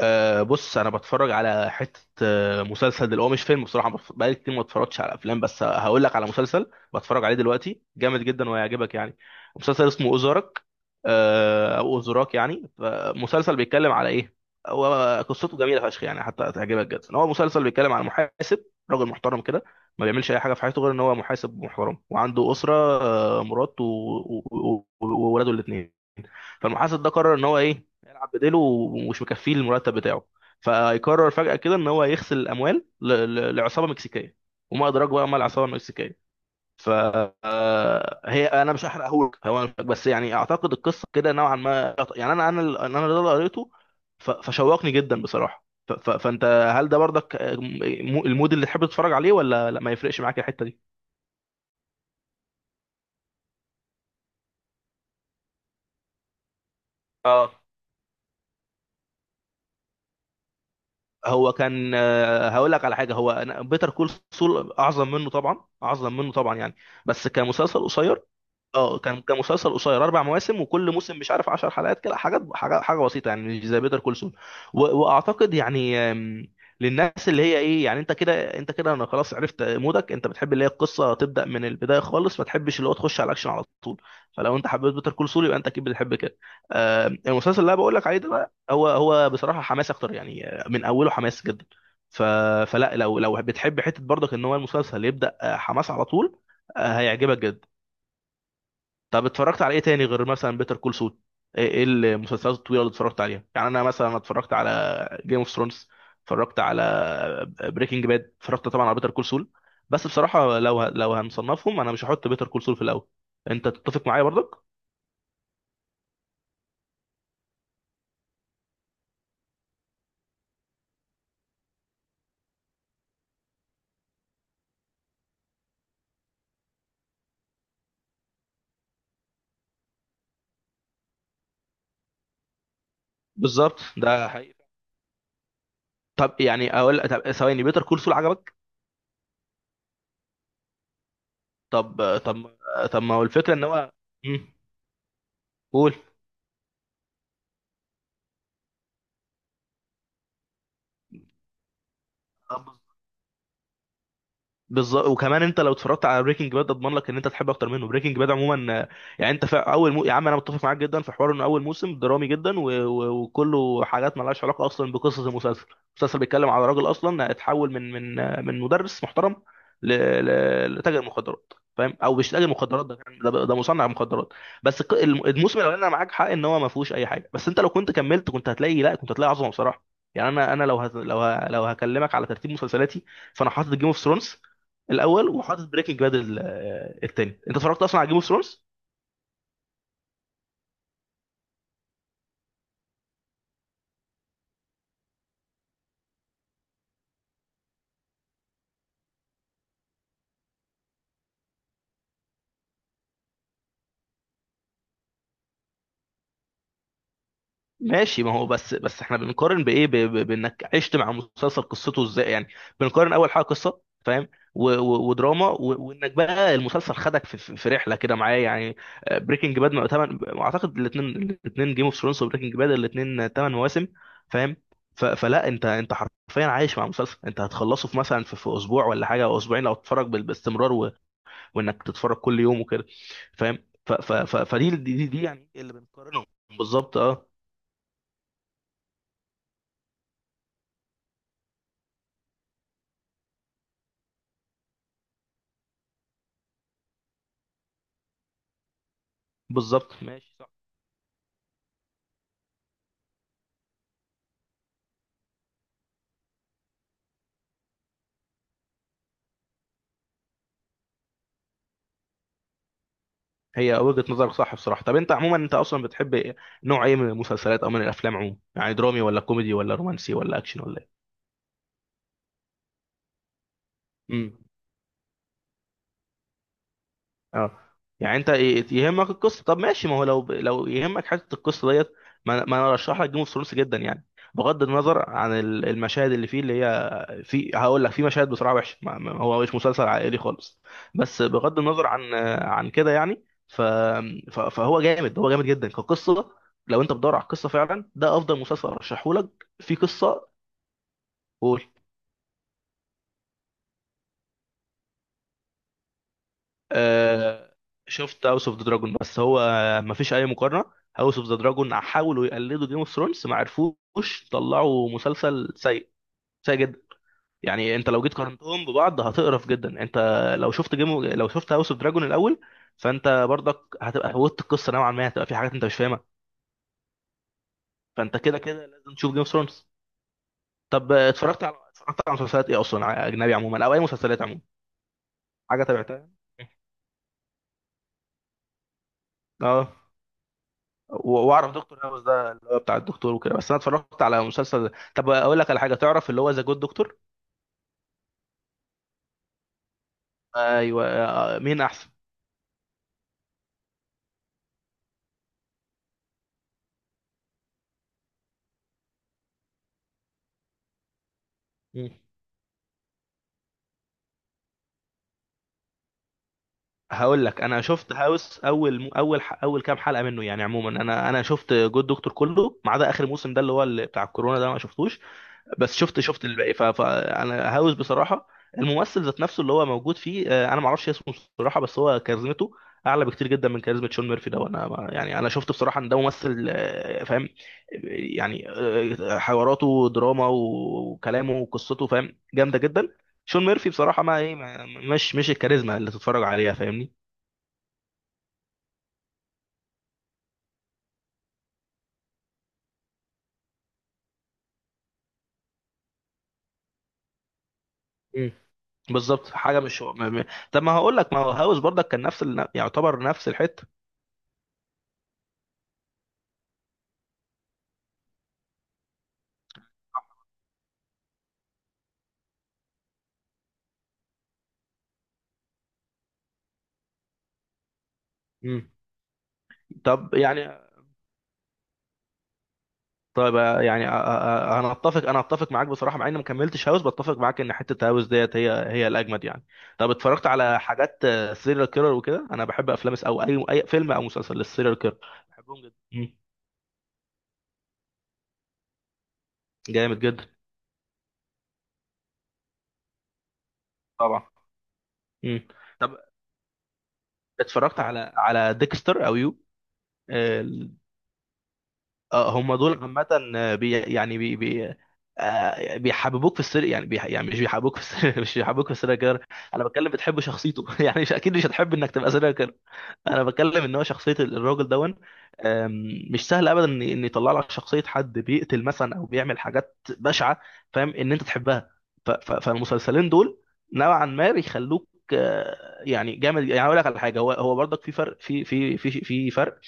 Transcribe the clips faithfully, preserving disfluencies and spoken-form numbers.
أه بص، انا بتفرج على حته، آه، مسلسل دلوقتي. هو مش فيلم بصراحه. بف- بقالي كتير ما اتفرجتش على افلام بس هقول لك على مسلسل بتفرج عليه دلوقتي، جامد جدا وهيعجبك يعني. مسلسل اسمه اوزارك، آه، او اوزراك يعني. ف- مسلسل بيتكلم على ايه؟ هو قصته جميله فشخ يعني، حتى هتعجبك جدا. هو مسلسل بيتكلم على محاسب، راجل محترم كده، ما بيعملش اي حاجه في حياته غير ان هو محاسب محترم وعنده اسره، آه، مراته و- و- و- وولاده الاثنين. فالمحاسب ده قرر ان هو ايه، يلعب بديله ومش مكفيه المرتب بتاعه. فيقرر فجأة كده ان هو يغسل الاموال ل- ل- لعصابة مكسيكية، وما ادراك بقى ما العصابة المكسيكية. ف آه، هي انا مش هحرقهولك. هو بس يعني اعتقد القصه كده نوعا ما يعني. انا انا ال- انا ده اللي قريته. ف- فشوقني جدا بصراحه ف- ف- فانت، هل ده برضك آه، م- المود اللي تحب تتفرج عليه ولا لا، ما يفرقش معاك الحته دي؟ هو كان، آه، هقول لك على حاجه، هو بيتر كول سول اعظم منه طبعا، اعظم منه طبعا يعني، بس كمسلسل قصير. اه، كان كان مسلسل قصير، اربع مواسم وكل موسم مش عارف عشر حلقات كده، حاجات حاجه حاجه بسيطه يعني، مش زي بيتر كول سول. واعتقد يعني، آم، للناس اللي هي ايه يعني انت كده، انت كده انا خلاص عرفت مودك. انت بتحب اللي هي القصه تبدا من البدايه خالص، ما تحبش اللي هو تخش على الاكشن على طول. فلو انت حبيت بيتر كول سول، يبقى انت اكيد بتحب كده. آم، المسلسل اللي انا بقول لك عليه ده بقى هو هو بصراحه حماس اكتر يعني، آه، من اوله حماس جدا. ف... فلا، لو لو بتحب حته برضك ان هو المسلسل يبدا آه، حماس على طول، آه، هيعجبك جدا. طب اتفرجت على ايه تاني غير مثلا بيتر كول سول؟ ايه إيه المسلسلات الطويله اللي اتفرجت عليها؟ يعني انا مثلا اتفرجت على جيم اوف ثرونز، اتفرجت على بريكنج باد، اتفرجت طبعا على بيتر كول سول. بس بصراحه لو ه- لو هنصنفهم انا مش هحط بيتر كول سول في الاول. انت تتفق معايا برضك؟ بالظبط ده حقيقي. طب يعني اقول، طب ثواني، بيتر كول سول عجبك. طب طب، طب ما هو الفكره ان هو. مم. قول. بالظبط. وكمان انت لو اتفرجت على بريكنج باد اضمن لك ان انت تحب اكتر منه. بريكنج باد عموما، آه، يعني انت في اول مو... يا عم انا متفق معاك جدا في حوار ان اول موسم درامي جدا و... و... وكله حاجات مالهاش علاقه اصلا بقصه المسلسل. المسلسل بيتكلم على راجل اصلا اتحول من من آه، من مدرس محترم ل... ل... لتاجر مخدرات فاهم، او مش تاجر مخدرات، ده كان- ده, ده مصنع مخدرات. بس الق- الم- الموسم الاولاني انا معاك حق ان هو ما فيهوش اي حاجه، بس انت لو كنت كملت كنت هتلاقي، لا كنت هتلاقي عظمه بصراحه. يعني انا انا لو هت... لو ه... لو هكلمك على ترتيب مسلسلاتي، فانا حاطط جيم اوف ثرونز الاول وحاطط بريكنج باد ال- آه، التاني. انت اتفرجت اصلا على جيم اوف ثرونز؟ ماشي، ما هو بس بس احنا بنقارن بايه؟ ب- ب- بانك عشت مع مسلسل قصته ازاي يعني. بنقارن اول حاجه قصه فاهم، و- و- ودراما و- وانك بقى المسلسل خدك في, في في رحله كده معاه يعني. بريكنج باد، اعتقد الاثنين، الاثنين جيم اوف ثرونز وبريكنج باد، الاثنين ثمان مواسم فاهم. ف- فلا انت انت حرفيا عايش مع مسلسل، انت هتخلصه في مثلا في, في اسبوع ولا حاجه، او اسبوعين لو تتفرج بال- باستمرار، وانك تتفرج كل يوم وكده فاهم. ف- ف- ف- فدي دي, دي, دي يعني إيه اللي بنقارنهم؟ بالظبط اه. بالظبط ماشي صح. هي وجهة نظرك صح بصراحة. طب انت عموما انت اصلا بتحب إيه؟ نوع ايه من المسلسلات او من الافلام عموما؟ يعني درامي ولا كوميدي ولا رومانسي ولا اكشن ولا ايه؟ امم. اه، يعني انت ي- يهمك القصه. طب ماشي، ما هو لو لو يهمك حته القصه ديت، ما ما انا ارشح لك جيم اوف ثرونز جدا يعني. بغض النظر عن ال- المشاهد اللي فيه اللي هي في، هقول لك، في مشاهد بصراحه وحشه، ما- ما- هو مش مسلسل عائلي خالص. بس بغض النظر عن عن كده يعني. ف ف- فهو جامد، هو جامد جدا كقصه. لو انت بتدور على القصه فعلا، ده افضل مسلسل ارشحه لك في قصه. آه، شفت هاوس اوف ذا دراجون بس هو ما فيش اي مقارنه. هاوس اوف ذا دراجون حاولوا يقلدوا جيم اوف ثرونز ما عرفوش، طلعوا مسلسل سيء، سيء جدا. يعني انت لو جيت قارنتهم ببعض هتقرف جدا. انت لو شفت جيم، لو شفت هاوس اوف دراجون الاول، فانت برضك هتبقى فوتت القصه نوعا ما، هتبقى في حاجات انت مش فاهمها. فانت كده كده لازم تشوف جيم اوف ثرونز. طب آه، اتفرجت على اتفرجت على مسلسلات ايه اصلا ع- اجنبي عموما، او اي مسلسلات عموما، حاجه تابعتها؟ اه، و- واعرف دكتور هاوس ده اللي هو بتاع الدكتور وكده، بس انا اتفرجت على مسلسل، طب اقول لك على حاجه، تعرف اللي هو ذا جود دكتور. ايوه آه، مين احسن؟ مم. هقول لك، انا شفت هاوس اول اول ح- اول كام حلقه منه يعني عموما، انا انا شفت جود دكتور كله ما عدا اخر موسم ده اللي هو اللي بتاع الكورونا ده ما شفتوش. بس شفت شفت الباقي. ف- فانا هاوس بصراحه. الممثل ذات نفسه اللي هو موجود فيه، آه، انا ما اعرفش اسمه بصراحه، بس هو كاريزمته اعلى بكتير جدا من كاريزما شون ميرفي ده. وانا ما- يعني انا شفت بصراحه ان ده ممثل آه، فاهم، يعني آه، حواراته دراما وكلامه وقصته فاهم جامده جدا. شون ميرفي بصراحه، ما ايه ما- مش مش الكاريزما اللي تتفرج عليها فاهمني. مم. بالظبط. حاجه مش هو م- م- طب ما هقول لك، ما هو هاوس برضك كان نفس ال- يعتبر نفس الحته. مم. طب يعني طيب، آه، يعني، آه، آه، آه، انا اتفق انا اتفق معاك بصراحه، مع اني ما كملتش هاوس بتفق معاك ان حته هاوس ديت هي هي الاجمد يعني. طب اتفرجت على حاجات سيريال كيلر وكده؟ انا بحب افلام الس- او اي اي فيلم او مسلسل للسيريال كيلر، بحبهم جدا. مم. جامد جدا. طبعا. مم. طب اتفرجت على على ديكستر او يو؟ آه، ال- آه، هم دول عامه، آه، بي يعني بي بي، آه، بيحببوك في السر يعني، بي يعني، مش بيحببوك في السر مش بيحببوك في السيريال كيلر. انا بتكلم بتحب شخصيته يعني مش اكيد مش هتحب انك تبقى سيريال كيلر. انا بتكلم ان هو شخصيه الراجل دون. أم، مش سهل ابدا ان إن يطلع لك شخصيه حد بيقتل مثلا او بيعمل حاجات بشعه فاهم، ان انت تحبها. ف- ف- فالمسلسلين دول نوعا ما بيخلوك، آه، يعني جامد. يعني اقول لك على حاجه، هو هو برضك في فرق، في في في في فرق.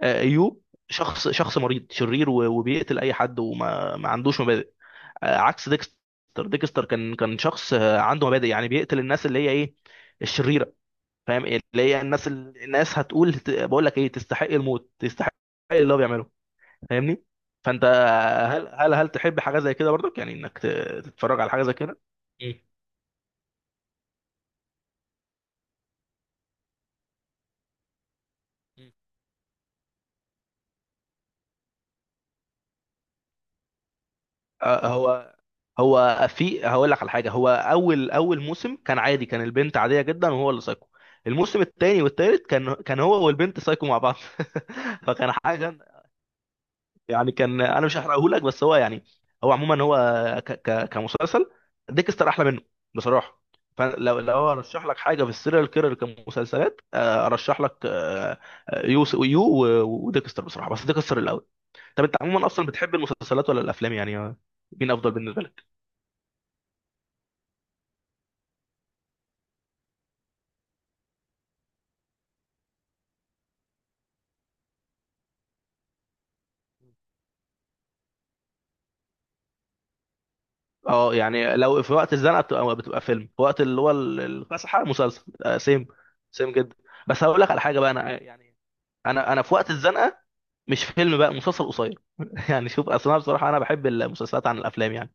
آه، ايوب، شخص شخص مريض شرير و- وبيقتل اي حد وما ما عندوش مبادئ. آه، عكس ديكستر. ديكستر، كان كان شخص آه، عنده مبادئ، يعني بيقتل الناس اللي هي ايه، الشريره. فاهم إيه؟ اللي هي الناس، الناس هتقول، بقول لك ايه، تستحق الموت، تستحق اللي هو بيعمله، فاهمني؟ فانت، هل هل هل تحب حاجه زي كده برضك، يعني انك ت- تتفرج على حاجه زي كده. مم. مم. آه، هو هو في، هقول لك على حاجه، هو اول اول موسم كان عادي، كان البنت عاديه جدا وهو اللي سايكو. الموسم الثاني والثالث كان كان هو والبنت سايكو مع بعض فكان حاجه يعني. كان انا مش هحرقه لك، بس هو يعني، هو عموما هو ك ك كمسلسل ديكستر احلى منه بصراحه. فلو لو ارشح لك حاجه في السيريال كيرر كمسلسلات، آه، ارشح لك آه، آه، يو يو و- وديكستر بصراحه، بس ديكستر الاول. طب انت عموما اصلا بتحب المسلسلات ولا الافلام يعني، آه، مين افضل بالنسبه لك؟ اه، يعني لو في وقت الزنقه بتبقى، بتبقى فيلم، في وقت اللي هو ال- الفسحه مسلسل، آه، سيم، سيم جدا. بس هقول لك على حاجه بقى، انا يعني، انا انا في وقت الزنقه مش فيلم بقى، مسلسل قصير يعني، شوف اصل انا بصراحه انا بحب المسلسلات عن الافلام يعني.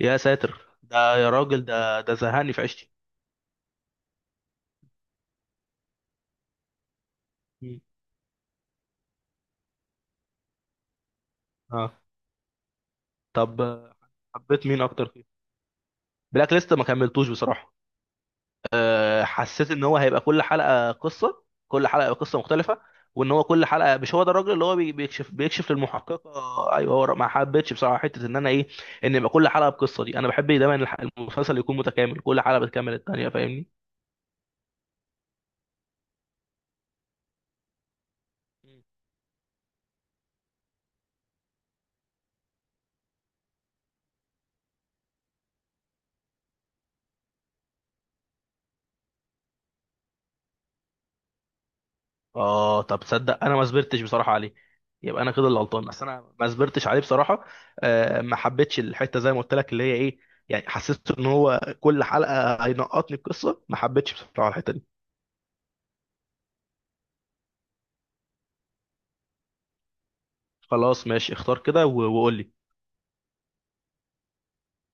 يا ساتر ده يا راجل، ده ده زهقني في عيشتي. مم. اه. طب آه، حبيت مين اكتر فيه؟ بلاك ليست ما كملتوش بصراحه. أه، حسيت ان هو هيبقى كل حلقه قصه، كل حلقه قصه مختلفه، وان هو كل حلقه مش هو ده الراجل اللي هو بي- بيكشف بيكشف للمحققه. ايوه، هو ما حبيتش بصراحه حته ان انا ايه، ان يبقى كل حلقه بقصه. دي انا بحب دايما الح- المسلسل يكون متكامل كل حلقه بتكمل الثانيه فاهمني. اه طب تصدق، انا ما صبرتش بصراحه عليه. يبقى انا كده اللي غلطان، بس انا ما صبرتش عليه بصراحه. آه، ما حبيتش الحته زي ما قلت لك اللي هي ايه، يعني حسيت ان هو كل حلقه هينقطني القصه، ما حبيتش بصراحه الحته دي. خلاص ماشي، اختار كده و- وقول لي.